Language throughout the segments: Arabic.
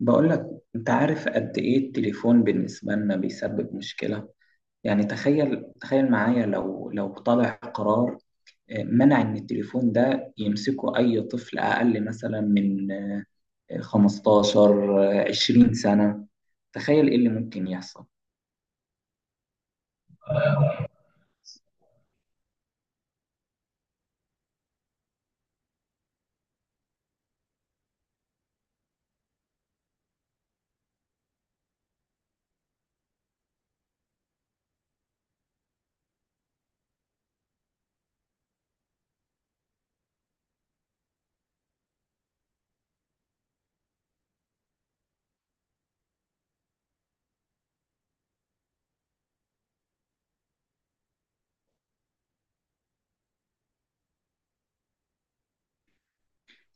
بقول لك، انت عارف قد ايه التليفون بالنسبة لنا بيسبب مشكلة؟ يعني تخيل معايا لو طلع قرار، منع ان التليفون ده يمسكه اي طفل اقل مثلا من 15 20 سنة. تخيل ايه اللي ممكن يحصل.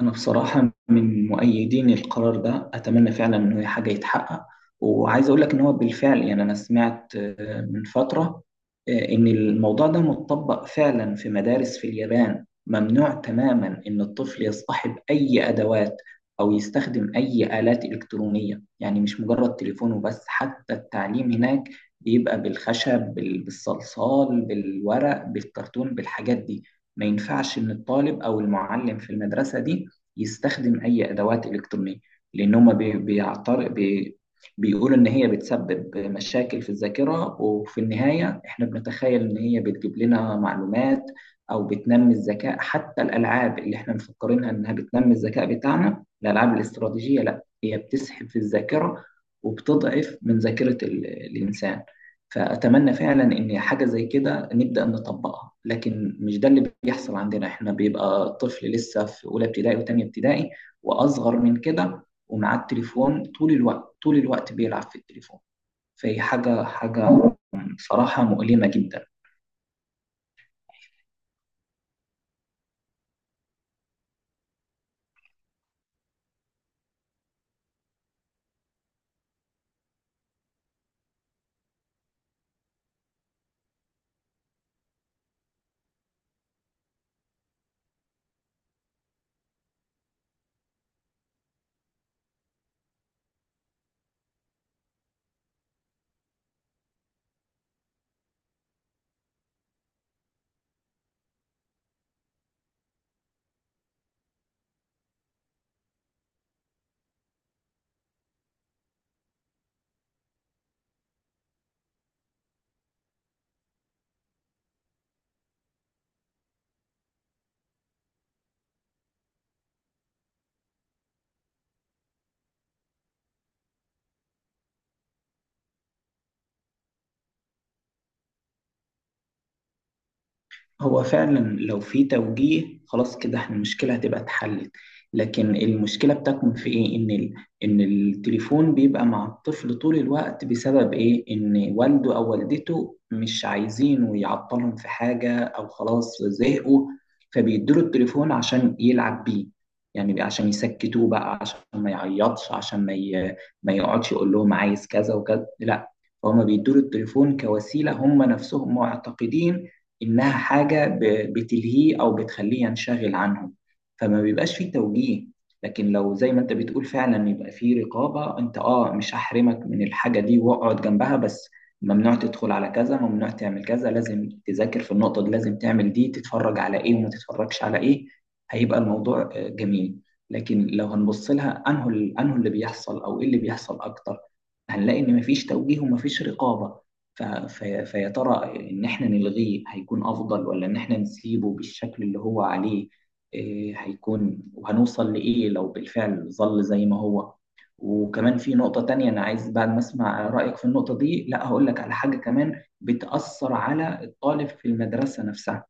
أنا بصراحة من مؤيدين القرار ده، أتمنى فعلا إنه هي حاجة يتحقق. وعايز أقول لك إن هو بالفعل يعني أنا سمعت من فترة إن الموضوع ده متطبق فعلا في مدارس في اليابان. ممنوع تماما إن الطفل يصطحب أي أدوات أو يستخدم أي آلات إلكترونية، يعني مش مجرد تليفونه بس. حتى التعليم هناك بيبقى بالخشب، بالصلصال، بالورق، بالكرتون، بالحاجات دي. ما ينفعش إن الطالب أو المعلم في المدرسة دي يستخدم اي ادوات الكترونيه، لان هم بي- بيعتر بي بيقولوا ان هي بتسبب مشاكل في الذاكره. وفي النهايه احنا بنتخيل ان هي بتجيب لنا معلومات او بتنمي الذكاء، حتى الالعاب اللي احنا مفكرينها انها بتنمي الذكاء بتاعنا، الالعاب الاستراتيجيه، لا هي بتسحب في الذاكره وبتضعف من ذاكره الانسان. فاتمنى فعلا ان حاجه زي كده نبدأ نطبقها، لكن مش ده اللي بيحصل عندنا. احنا بيبقى طفل لسه في أولى ابتدائي وتانية ابتدائي وأصغر من كده، ومعاه التليفون طول الوقت طول الوقت، بيلعب في التليفون. فهي حاجة حاجة صراحة مؤلمة جدا. هو فعلا لو في توجيه خلاص كده احنا المشكلة هتبقى اتحلت، لكن المشكلة بتكمن في ايه؟ ان التليفون بيبقى مع الطفل طول الوقت. بسبب ايه؟ ان والده او والدته مش عايزينه يعطلهم في حاجة، او خلاص زهقوا، فبيدوله التليفون عشان يلعب بيه. يعني عشان يسكتوه بقى، عشان ما يعيطش، عشان ما يقعدش يقول لهم عايز كذا وكذا. لا، فهم بيدوله التليفون كوسيلة، هم نفسهم معتقدين إنها حاجة بتلهيه أو بتخليه ينشغل عنهم، فما بيبقاش فيه توجيه. لكن لو زي ما أنت بتقول فعلا يبقى فيه رقابة، أنت أه مش هحرمك من الحاجة دي، واقعد جنبها بس. ممنوع تدخل على كذا، ممنوع تعمل كذا، لازم تذاكر في النقطة دي، لازم تعمل دي، تتفرج على إيه وما تتفرجش على إيه. هيبقى الموضوع جميل. لكن لو هنبص لها أنه اللي بيحصل أو إيه اللي بيحصل أكتر، هنلاقي إن مفيش توجيه ومفيش رقابة. ف- فيا ترى إن إحنا نلغيه هيكون أفضل، ولا إن إحنا نسيبه بالشكل اللي هو عليه؟ إيه هيكون وهنوصل لإيه لو بالفعل ظل زي ما هو؟ وكمان في نقطة تانية أنا عايز بعد ما أسمع رأيك في النقطة دي، لا هقول لك على حاجة كمان بتأثر على الطالب في المدرسة نفسها.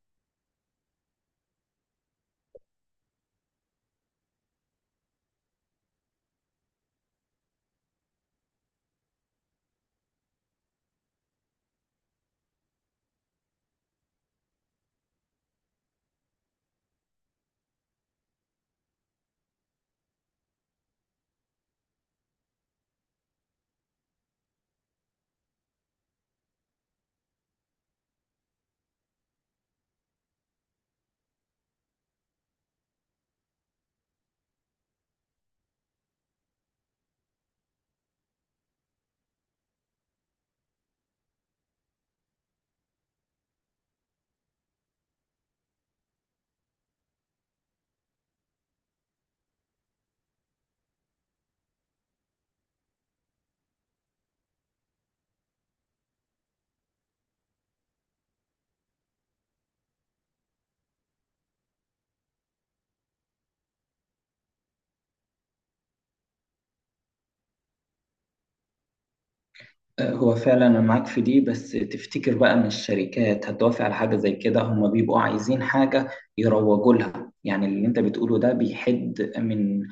هو فعلا انا معاك في دي، بس تفتكر بقى ان الشركات هتوافق على حاجه زي كده؟ هم بيبقوا عايزين حاجه يروجوا لها، يعني اللي انت بتقوله ده بيحد من،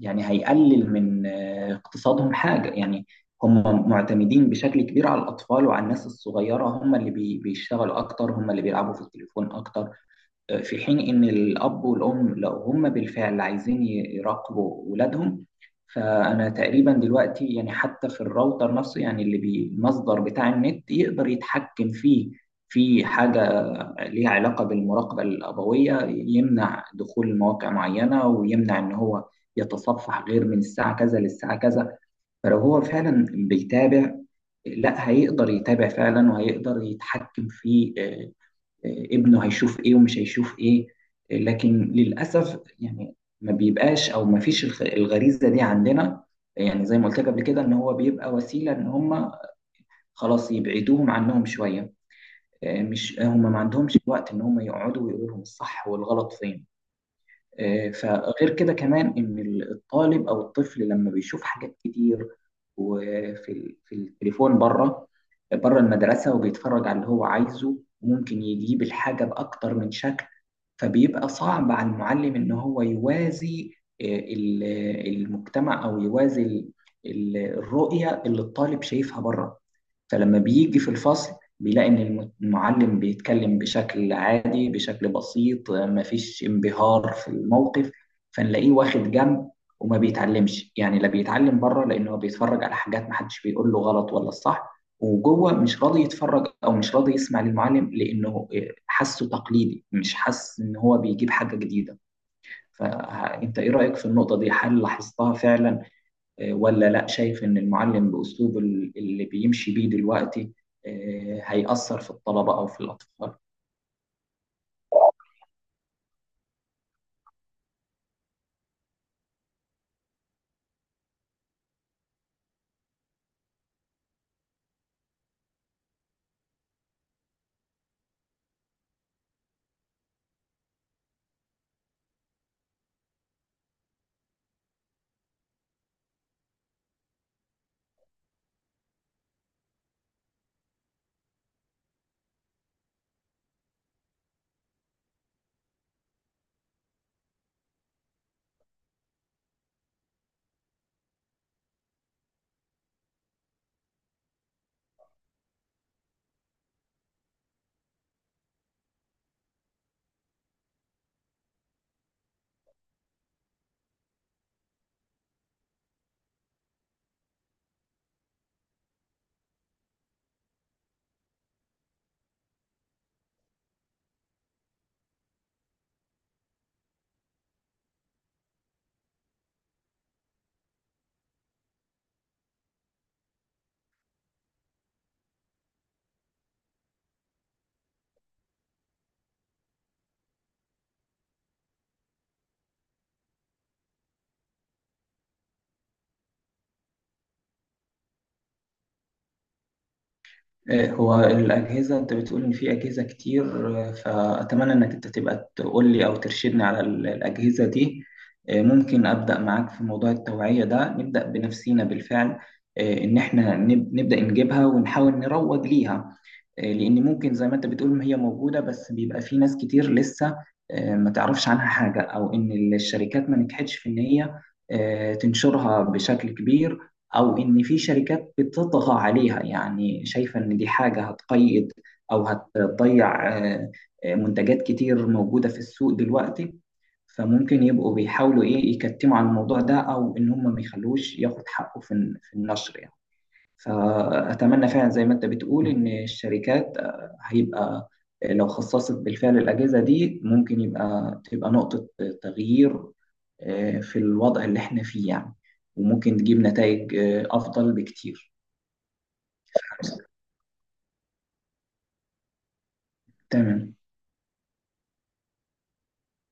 يعني هيقلل من اقتصادهم حاجه يعني. هم معتمدين بشكل كبير على الاطفال وعلى الناس الصغيره، هم اللي بيشتغلوا اكتر، هم اللي بيلعبوا في التليفون اكتر. في حين إن الأب والأم لو هم بالفعل عايزين يراقبوا ولادهم، فأنا تقريبا دلوقتي يعني حتى في الراوتر نفسه، يعني اللي بالمصدر بتاع النت، يقدر يتحكم فيه، في حاجة ليها علاقة بالمراقبة الأبوية، يمنع دخول مواقع معينة ويمنع إن هو يتصفح غير من الساعة كذا للساعة كذا. فلو هو فعلا بيتابع، لا هيقدر يتابع فعلا، وهيقدر يتحكم في ابنه هيشوف ايه ومش هيشوف ايه. لكن للاسف يعني ما بيبقاش او ما فيش الغريزه دي عندنا. يعني زي ما قلت لك قبل كده، ان هو بيبقى وسيله ان هم خلاص يبعدوهم عنهم شويه. مش هم ما عندهمش وقت ان هم يقعدوا ويقولوا لهم الصح والغلط فين. فغير كده كمان ان الطالب او الطفل لما بيشوف حاجات كتير وفي في التليفون بره، بره المدرسه، وبيتفرج على اللي هو عايزه، ممكن يجيب الحاجه باكتر من شكل. فبيبقى صعب على المعلم ان هو يوازي آه، ال- المجتمع، او يوازي الرؤية اللي الطالب شايفها بره. فلما بيجي في الفصل بيلاقي ان المعلم بيتكلم بشكل عادي، بشكل بسيط، مفيش انبهار في الموقف، فنلاقيه واخد جنب وما بيتعلمش. يعني لا بيتعلم بره لانه بيتفرج على حاجات محدش بيقول له غلط ولا الصح، وجوه مش راضي يتفرج او مش راضي يسمع للمعلم لانه حاسه تقليدي، مش حاسس ان هو بيجيب حاجه جديده. فانت ايه رايك في النقطه دي؟ هل لاحظتها فعلا ولا لا؟ شايف ان المعلم باسلوبه اللي بيمشي بيه دلوقتي هيأثر في الطلبه او في الاطفال؟ إيه هو الأجهزة؟ أنت بتقول إن في أجهزة كتير، فأتمنى إنك أنت تبقى تقول لي أو ترشدني على الأجهزة دي. ممكن أبدأ معاك في موضوع التوعية ده، نبدأ بنفسينا بالفعل، إن إحنا نبدأ نجيبها ونحاول نروج ليها، لأن ممكن زي ما أنت بتقول ما هي موجودة، بس بيبقى في ناس كتير لسه ما تعرفش عنها حاجة، أو إن الشركات ما نجحتش في إن هي تنشرها بشكل كبير، او ان في شركات بتطغى عليها، يعني شايفه ان دي حاجه هتقيد او هتضيع منتجات كتير موجوده في السوق دلوقتي. فممكن يبقوا بيحاولوا ايه، يكتموا على الموضوع ده، او ان هم ما يخلوش ياخد حقه في في النشر يعني. فأتمنى فعلا زي ما أنت بتقول إن الشركات آه، هيبقى آه، لو خصصت بالفعل الأجهزة دي ممكن تبقى نقطة تغيير في الوضع اللي إحنا فيه يعني، وممكن تجيب نتائج أفضل بكتير. تمام.